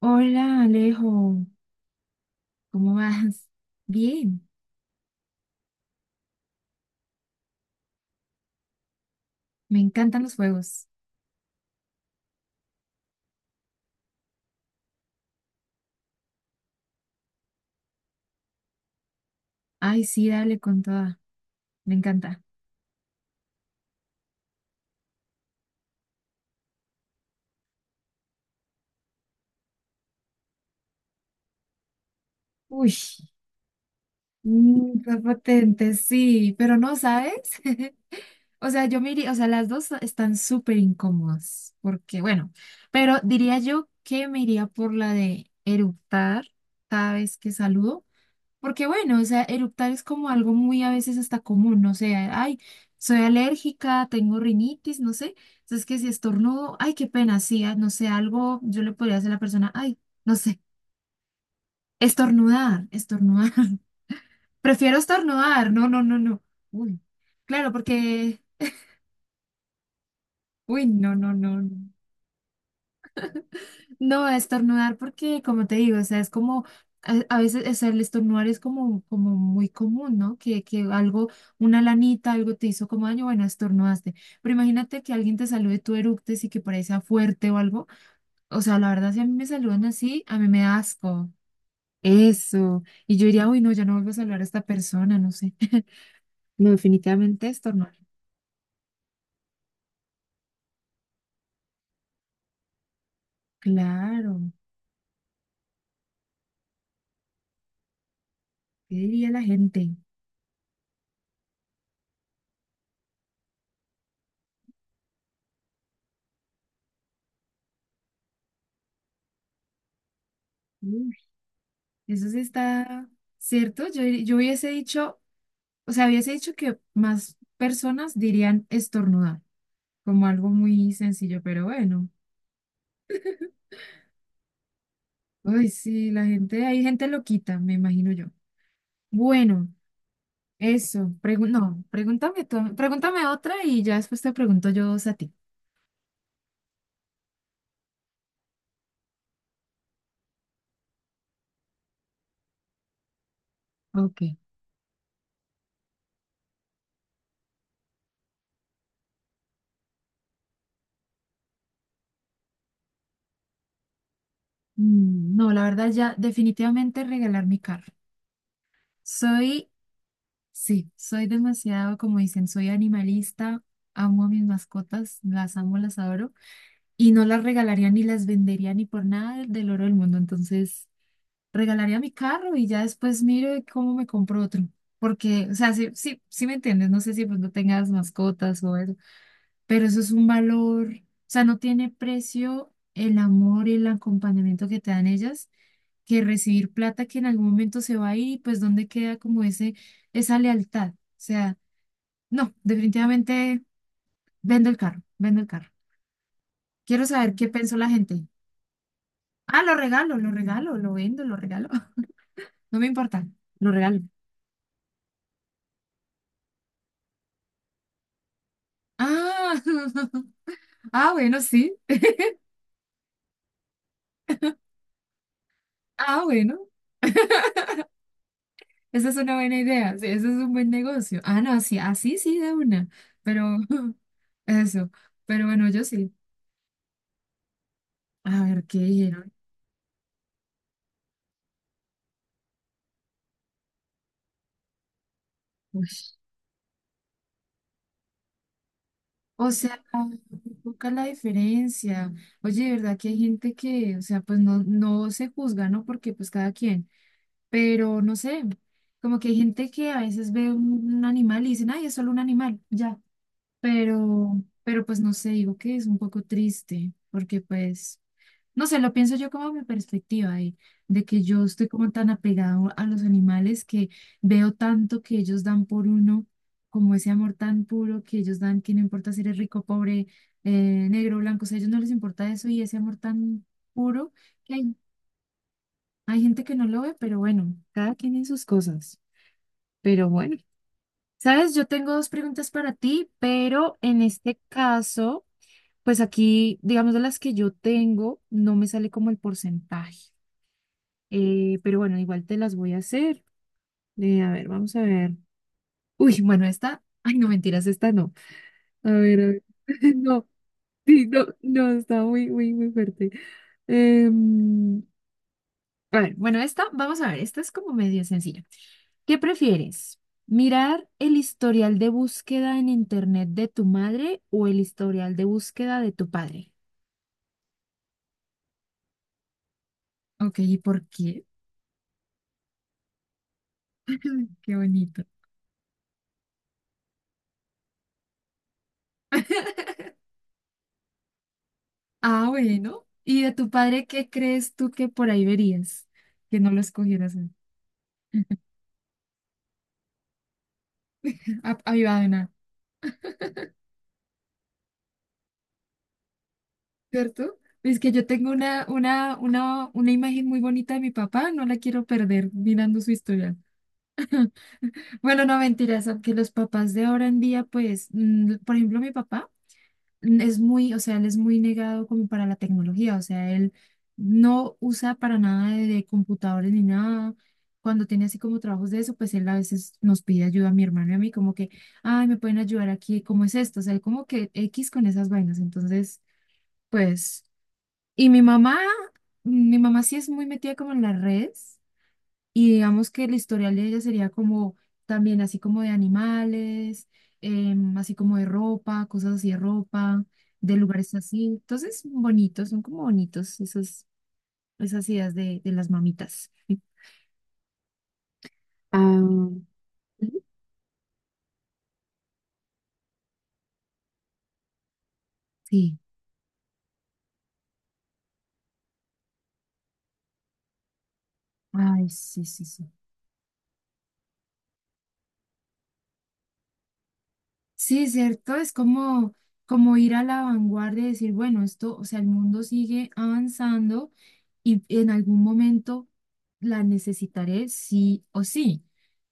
Hola, Alejo, ¿cómo vas? Bien, me encantan los juegos. Ay, sí, dale con toda, me encanta. Uy, qué potente, sí, pero no, ¿sabes? O sea, yo me iría, o sea, las dos están súper incómodas, porque bueno, pero diría yo que me iría por la de eructar cada vez que saludo. Porque bueno, o sea, eructar es como algo muy a veces hasta común, no sé, ay, soy alérgica, tengo rinitis, no sé. Entonces que si estornudo, ay, qué pena, sí, ah, no sé, algo yo le podría decir a la persona, ay, no sé, estornudar, estornudar. Prefiero estornudar, no, no, no, no. Uy, claro, porque, uy, no, no, no, no. No, estornudar porque, como te digo, o sea, es como, a veces, o sea, el estornudar es como muy común, ¿no? Que algo, una lanita, algo te hizo como daño, bueno, estornudaste. Pero imagínate que alguien te salude, tú eructes y que por ahí sea fuerte o algo. O sea, la verdad, si a mí me saludan así, a mí me da asco. Eso. Y yo diría, uy, no, ya no vuelvo a saludar a esta persona, no sé. No, definitivamente estornudar. Claro, ¿qué diría la gente? Uy, eso sí está. ¿Cierto? Yo hubiese dicho O sea, hubiese dicho que más personas dirían estornudar, como algo muy sencillo, pero bueno. Uy, sí, la gente, hay gente loquita, me imagino yo. Bueno, eso, no, pregúntame otra y ya después te pregunto yo dos a ti. Ok. No, la verdad ya definitivamente regalar mi carro. Soy, sí, soy demasiado, como dicen, soy animalista, amo a mis mascotas, las amo, las adoro. Y no las regalaría ni las vendería ni por nada del oro del mundo. Entonces, regalaría mi carro y ya después miro de cómo me compro otro. Porque, o sea, sí, sí, sí me entiendes, no sé si pues no tengas mascotas o eso, pero eso es un valor, o sea, no tiene precio el amor y el acompañamiento que te dan ellas, que recibir plata que en algún momento se va a ir pues dónde queda como esa lealtad. O sea, no, definitivamente vendo el carro, vendo el carro. Quiero saber qué pensó la gente. Ah, lo regalo, lo regalo, lo vendo, lo regalo. No me importa, lo regalo. Ah, ah, bueno, sí. Ah, bueno, esa es una buena idea. Sí, ese es un buen negocio. Ah, no, sí, así sí, sí, de una. Pero eso, pero bueno, yo sí. A ver, ¿qué dijeron? Uy, o sea, poca la diferencia. Oye, de verdad que hay gente que, o sea, pues no, no se juzga, ¿no? Porque pues cada quien. Pero no sé, como que hay gente que a veces ve un animal y dicen, ay, es solo un animal, ya. Pero pues no sé, digo que es un poco triste, porque pues, no sé, lo pienso yo como mi perspectiva de, que yo estoy como tan apegado a los animales que veo tanto que ellos dan por uno, como ese amor tan puro que ellos dan, que no importa si eres rico, pobre, negro, blanco, o sea, a ellos no les importa eso y ese amor tan puro que hay gente que no lo ve, pero bueno, cada quien en sus cosas. Pero bueno, sabes, yo tengo dos preguntas para ti, pero en este caso, pues aquí, digamos, de las que yo tengo, no me sale como el porcentaje. Pero bueno, igual te las voy a hacer. A ver, vamos a ver. Uy, bueno, esta, ay, no, mentiras, esta no. A ver, a ver. No, sí, no, no, está muy, muy, muy fuerte. Em, a ver, bueno, esta, vamos a ver, esta es como medio sencilla. ¿Qué prefieres? ¿Mirar el historial de búsqueda en internet de tu madre o el historial de búsqueda de tu padre? Ok, ¿y por qué? Qué bonito. Ah, bueno. ¿Y de tu padre qué crees tú que por ahí verías? Que no lo escogieras. Ah, ahí va una, ¿cierto? Es que yo tengo una imagen muy bonita de mi papá, no la quiero perder mirando su historial. Bueno, no mentiras, aunque los papás de ahora en día, pues, por ejemplo, mi papá. Es muy, o sea, él es muy negado como para la tecnología, o sea, él no usa para nada de, computadores ni nada. Cuando tiene así como trabajos de eso, pues él a veces nos pide ayuda a mi hermano y a mí, como que, ay, me pueden ayudar aquí, ¿cómo es esto? O sea, él como que X con esas vainas. Entonces, pues, y mi mamá, sí es muy metida como en las redes. Y digamos que el historial de ella sería como también así como de animales, así como de ropa, cosas así de ropa, de lugares así. Entonces, bonitos, son como bonitos esas ideas de, las mamitas. Ah, sí, ay, sí, sí, sí. Sí, cierto, es como ir a la vanguardia y decir, bueno, esto, o sea, el mundo sigue avanzando y en algún momento la necesitaré sí o sí.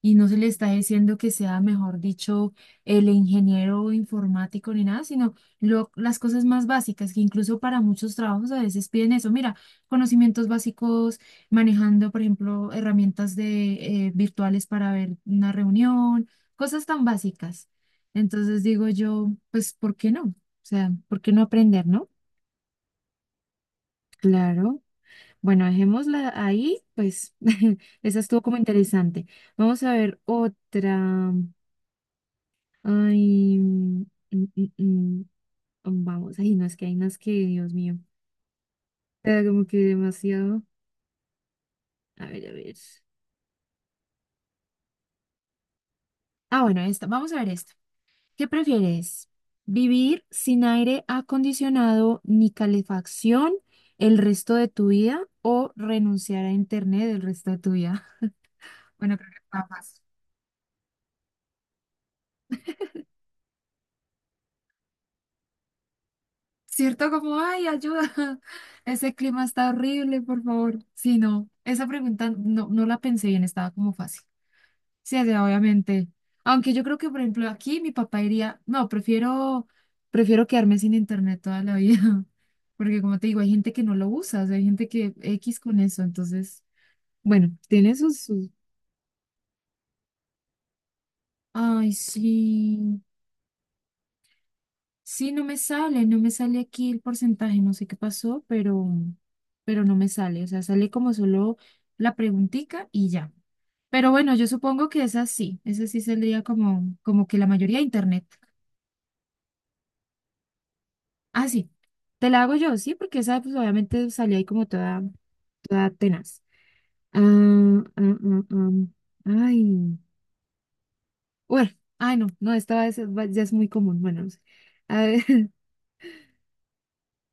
Y no se le está diciendo que sea, mejor dicho, el ingeniero informático ni nada, sino las cosas más básicas, que incluso para muchos trabajos a veces piden eso. Mira, conocimientos básicos, manejando, por ejemplo, herramientas de, virtuales para ver una reunión, cosas tan básicas. Entonces digo yo, pues, ¿por qué no? O sea, ¿por qué no aprender, no? Claro. Bueno, dejémosla ahí, pues, esa estuvo como interesante. Vamos a ver otra. Ay, mm, mm, vamos, ay, no, es que hay unas que, Dios mío, o sea, como que demasiado. A ver, a ver. Ah, bueno, esta, vamos a ver esta. ¿Qué prefieres? ¿Vivir sin aire acondicionado ni calefacción el resto de tu vida o renunciar a internet el resto de tu vida? Bueno, creo que está fácil. ¿Cierto? Como, ay, ayuda, ese clima está horrible, por favor. Sí, no, esa pregunta no, no la pensé bien, estaba como fácil. Sí, o sea, obviamente. Aunque yo creo que, por ejemplo, aquí mi papá diría, no, prefiero quedarme sin internet toda la vida. Porque como te digo, hay gente que no lo usa, o sea, hay gente que X con eso. Entonces, bueno, tiene sus. Ay, sí. Sí, no me sale aquí el porcentaje, no sé qué pasó, pero no me sale. O sea, sale como solo la preguntica y ya. Pero bueno, yo supongo que es así. Esa sí saldría como, que la mayoría de internet. Ah, sí, te la hago yo, sí, porque esa pues obviamente salí ahí como toda, toda tenaz. Ah, ah, ah, ah. Ay, bueno, ay no, no, esta va. Ya es muy común, bueno, no sé. A ver,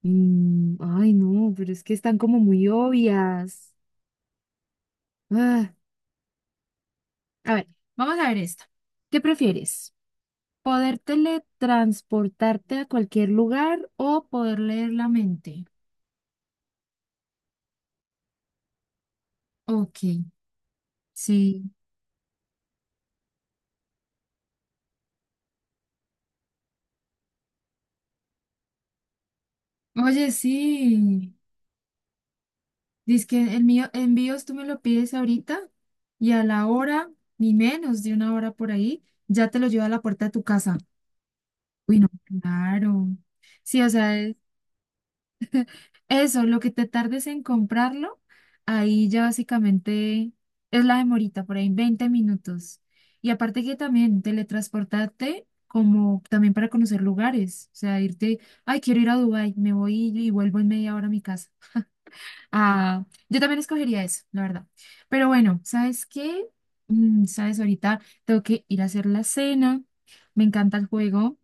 ay no, pero es que están como muy obvias. Ah, a ver, vamos a ver esta. ¿Qué prefieres? ¿Poder teletransportarte a cualquier lugar o poder leer la mente? Ok, sí. Oye, sí. Dice que el mío, envíos tú me lo pides ahorita y a la hora, ni menos de una hora por ahí, ya te lo lleva a la puerta de tu casa. Uy, no, claro. Sí, o sea, eso, lo que te tardes en comprarlo, ahí ya básicamente es la demorita, por ahí 20 minutos. Y aparte que también teletransportarte como también para conocer lugares, o sea, irte, ay, quiero ir a Dubái, me voy y vuelvo en media hora a mi casa. Ah, yo también escogería eso, la verdad. Pero bueno, ¿sabes qué? ¿Sabes? Ahorita tengo que ir a hacer la cena. Me encanta el juego,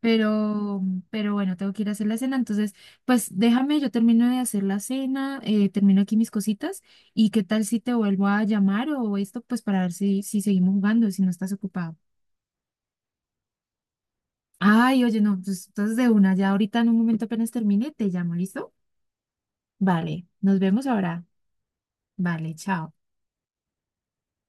pero, pero bueno, tengo que ir a hacer la cena. Entonces, pues déjame, yo termino de hacer la cena, termino aquí mis cositas. ¿Y qué tal si te vuelvo a llamar o esto, pues para ver si seguimos jugando, si no estás ocupado? Ay, oye, no, pues entonces de una, ya ahorita en un momento apenas termine, te llamo, ¿listo? Vale, nos vemos ahora. Vale, chao.